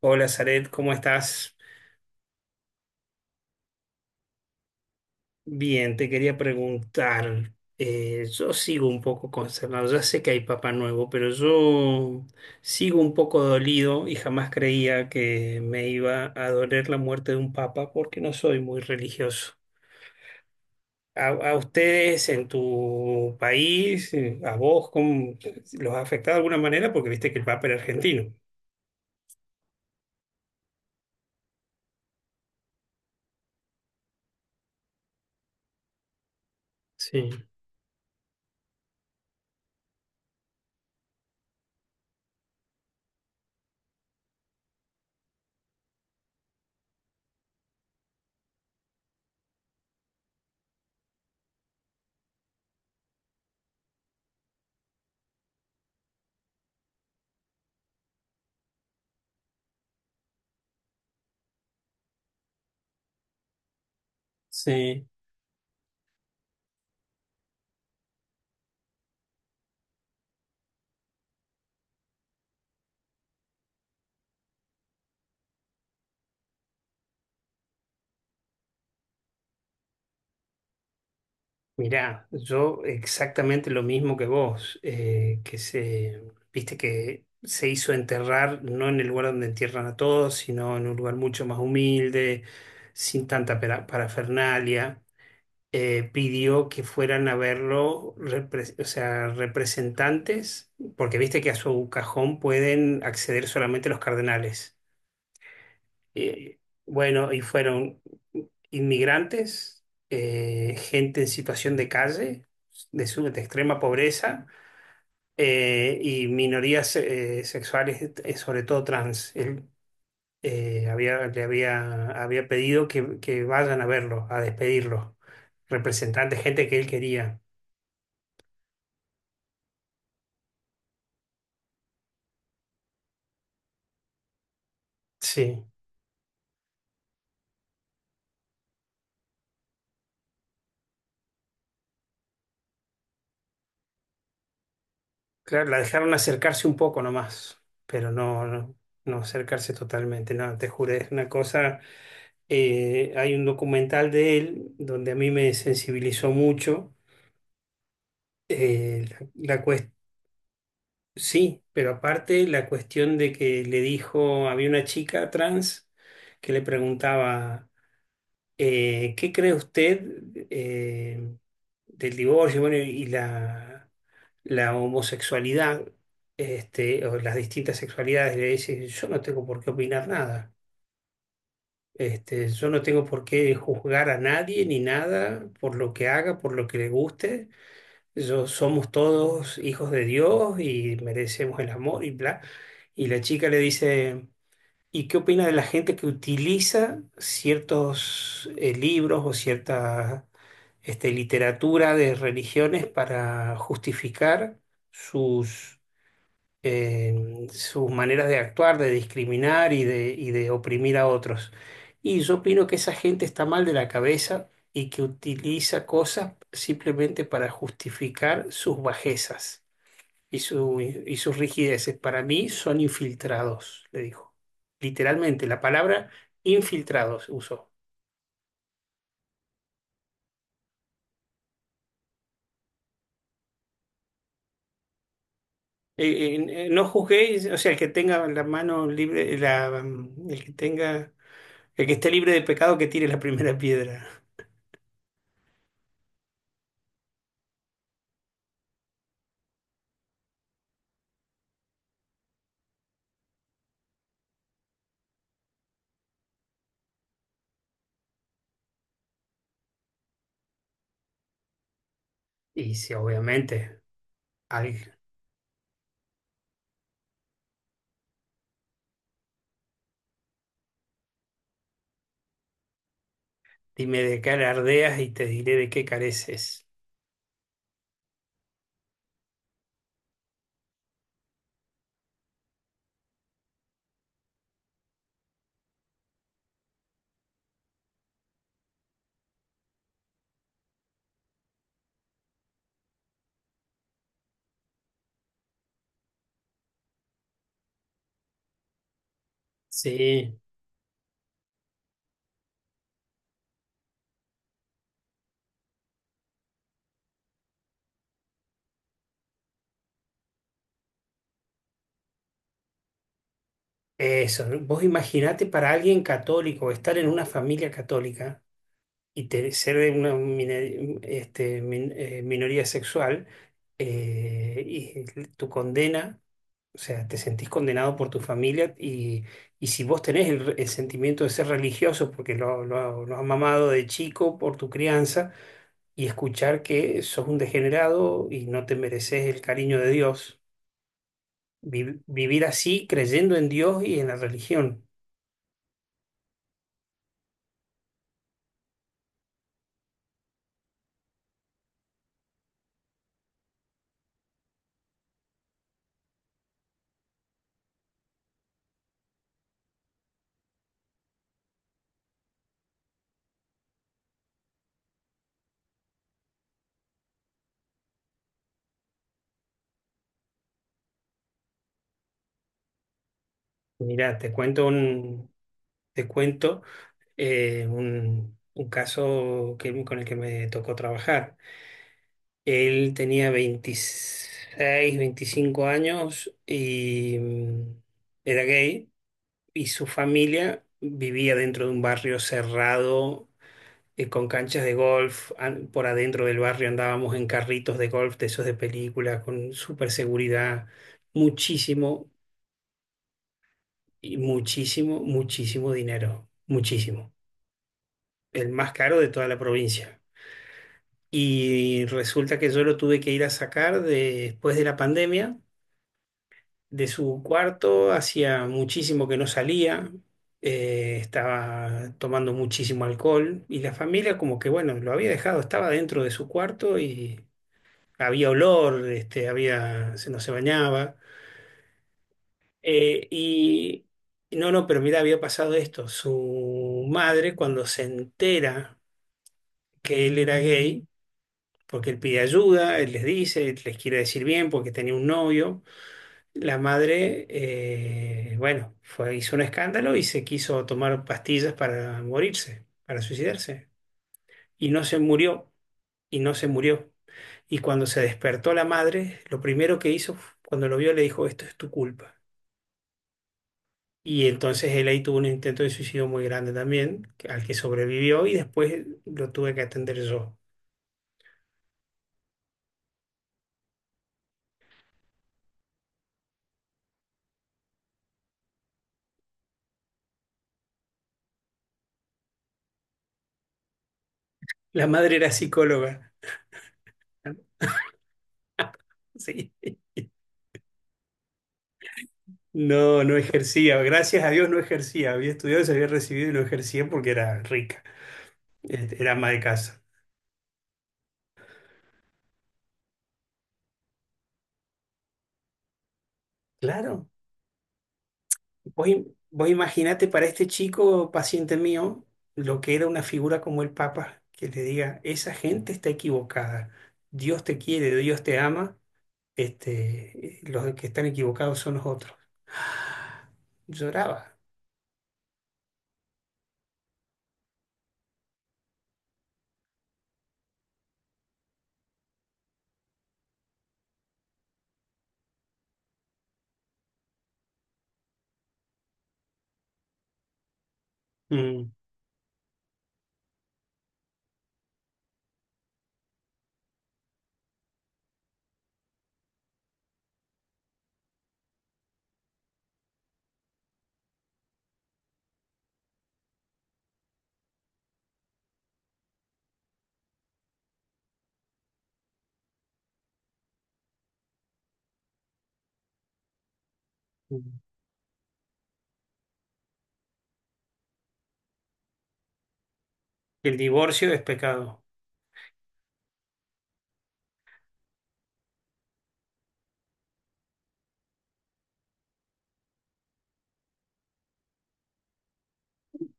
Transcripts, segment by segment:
Hola, Zaret, ¿cómo estás? Bien, te quería preguntar. Yo sigo un poco consternado. Ya sé que hay Papá Nuevo, pero yo sigo un poco dolido y jamás creía que me iba a doler la muerte de un papa porque no soy muy religioso. A ustedes en tu país, a vos, ¿cómo los ha afectado de alguna manera? Porque viste que el papa era argentino. Sí, sí. Mirá, yo exactamente lo mismo que vos, viste que se hizo enterrar no en el lugar donde entierran a todos, sino en un lugar mucho más humilde, sin tanta parafernalia. Pidió que fueran a verlo, o sea, representantes, porque viste que a su cajón pueden acceder solamente los cardenales. Eh, bueno, y fueron inmigrantes, gente en situación de calle, de extrema pobreza, y minorías sexuales, sobre todo trans. Él había pedido que vayan a verlo, a despedirlo, representantes, gente que él quería. Sí. Claro, la dejaron acercarse un poco nomás, pero no acercarse totalmente, no, te juro, es una cosa, hay un documental de él donde a mí me sensibilizó mucho, eh, la, la cues- sí, pero aparte la cuestión de que le dijo, había una chica trans que le preguntaba ¿Qué cree usted eh, del divorcio, bueno, y la homosexualidad, este, o las distintas sexualidades? Le dice, yo no tengo por qué opinar nada. Este, yo no tengo por qué juzgar a nadie ni nada por lo que haga, por lo que le guste. Yo, somos todos hijos de Dios y merecemos el amor y bla. Y la chica le dice… ¿Y qué opina de la gente que utiliza ciertos libros o cierta este, literatura de religiones para justificar sus, sus maneras de actuar, de discriminar y de oprimir a otros? Y yo opino que esa gente está mal de la cabeza y que utiliza cosas simplemente para justificar sus bajezas y sus rigideces para mí son infiltrados, le dijo. Literalmente, la palabra infiltrados usó. No juzguéis, o sea, el que tenga, el que esté libre de pecado, que tire la primera piedra. Y sí, obviamente, al- dime de qué alardeas y te diré de qué careces. Sí, eso. Vos imaginate para alguien católico, estar en una familia católica ser de una minoría sexual y tu condena, o sea, te sentís condenado por tu familia y si vos tenés el sentimiento de ser religioso porque lo has mamado de chico por tu crianza y escuchar que sos un degenerado y no te mereces el cariño de Dios, vivir así creyendo en Dios y en la religión. Mirá, te cuento un, Te cuento un caso que, con el que me tocó trabajar. Él tenía 25 años y era gay y su familia vivía dentro de un barrio cerrado con canchas de golf. Por adentro del barrio andábamos en carritos de golf de esos de película con super seguridad, muchísimo muchísimo, muchísimo dinero, muchísimo. El más caro de toda la provincia. Y resulta que yo lo tuve que ir a sacar después de la pandemia de su cuarto. Hacía muchísimo que no salía, estaba tomando muchísimo alcohol y la familia como que, bueno, lo había dejado, estaba dentro de su cuarto y había olor, no se bañaba. Y no, no, Pero mira, había pasado esto. Su madre cuando se entera que él era gay, porque él pide ayuda, él les dice, les quiere decir bien porque tenía un novio. La madre, bueno, fue, hizo un escándalo y se quiso tomar pastillas para morirse, para suicidarse. Y no se murió, y no se murió. Y cuando se despertó la madre, lo primero que hizo, cuando lo vio, le dijo, esto es tu culpa. Y entonces él ahí tuvo un intento de suicidio muy grande también, al que sobrevivió y después lo tuve que atender yo. La madre era psicóloga. Sí. No, no ejercía, gracias a Dios no ejercía, había estudiado, se había recibido y no ejercía porque era rica, era ama de casa. Claro, vos imaginate para este chico paciente mío lo que era una figura como el Papa, que le diga, esa gente está equivocada, Dios te quiere, Dios te ama, los que están equivocados son los otros. Lloraba. Mm, mm. El divorcio es pecado.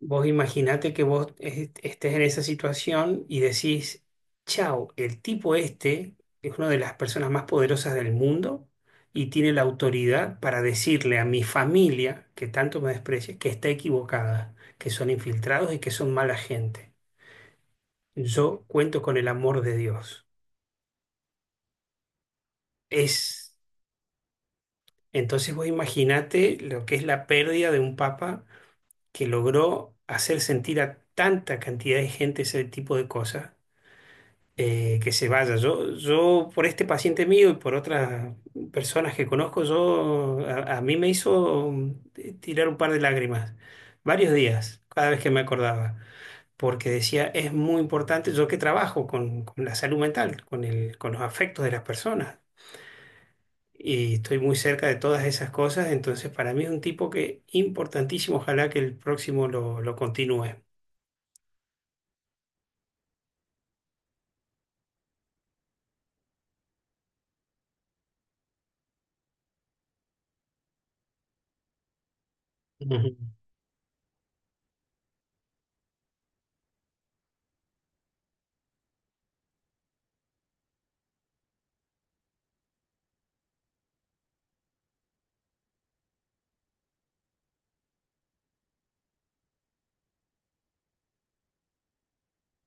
Vos imaginate que estés en esa situación y decís, chao, el tipo este es una de las personas más poderosas del mundo y tiene la autoridad para decirle a mi familia, que tanto me desprecia, que está equivocada, que son infiltrados y que son mala gente. Yo cuento con el amor de Dios. Es, entonces vos imaginate lo que es la pérdida de un papa que logró hacer sentir a tanta cantidad de gente ese tipo de cosas que se vaya. Yo por este paciente mío y por otras personas que conozco, yo a mí me hizo tirar un par de lágrimas, varios días, cada vez que me acordaba, porque decía, es muy importante, yo que trabajo con la salud mental, con los afectos de las personas. Y estoy muy cerca de todas esas cosas, entonces para mí es un tipo que importantísimo, ojalá que el próximo lo continúe. Ujú.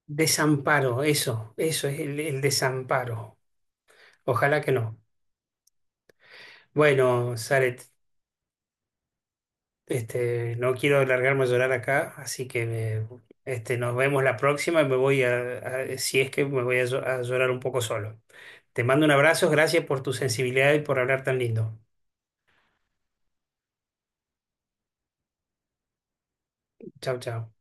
Desamparo, eso es el desamparo. Ojalá que no. Bueno, Saret, no quiero largarme a llorar acá, así que nos vemos la próxima y me voy a, si es que me voy a, a llorar un poco solo. Te mando un abrazo, gracias por tu sensibilidad y por hablar tan lindo. Chao, chao.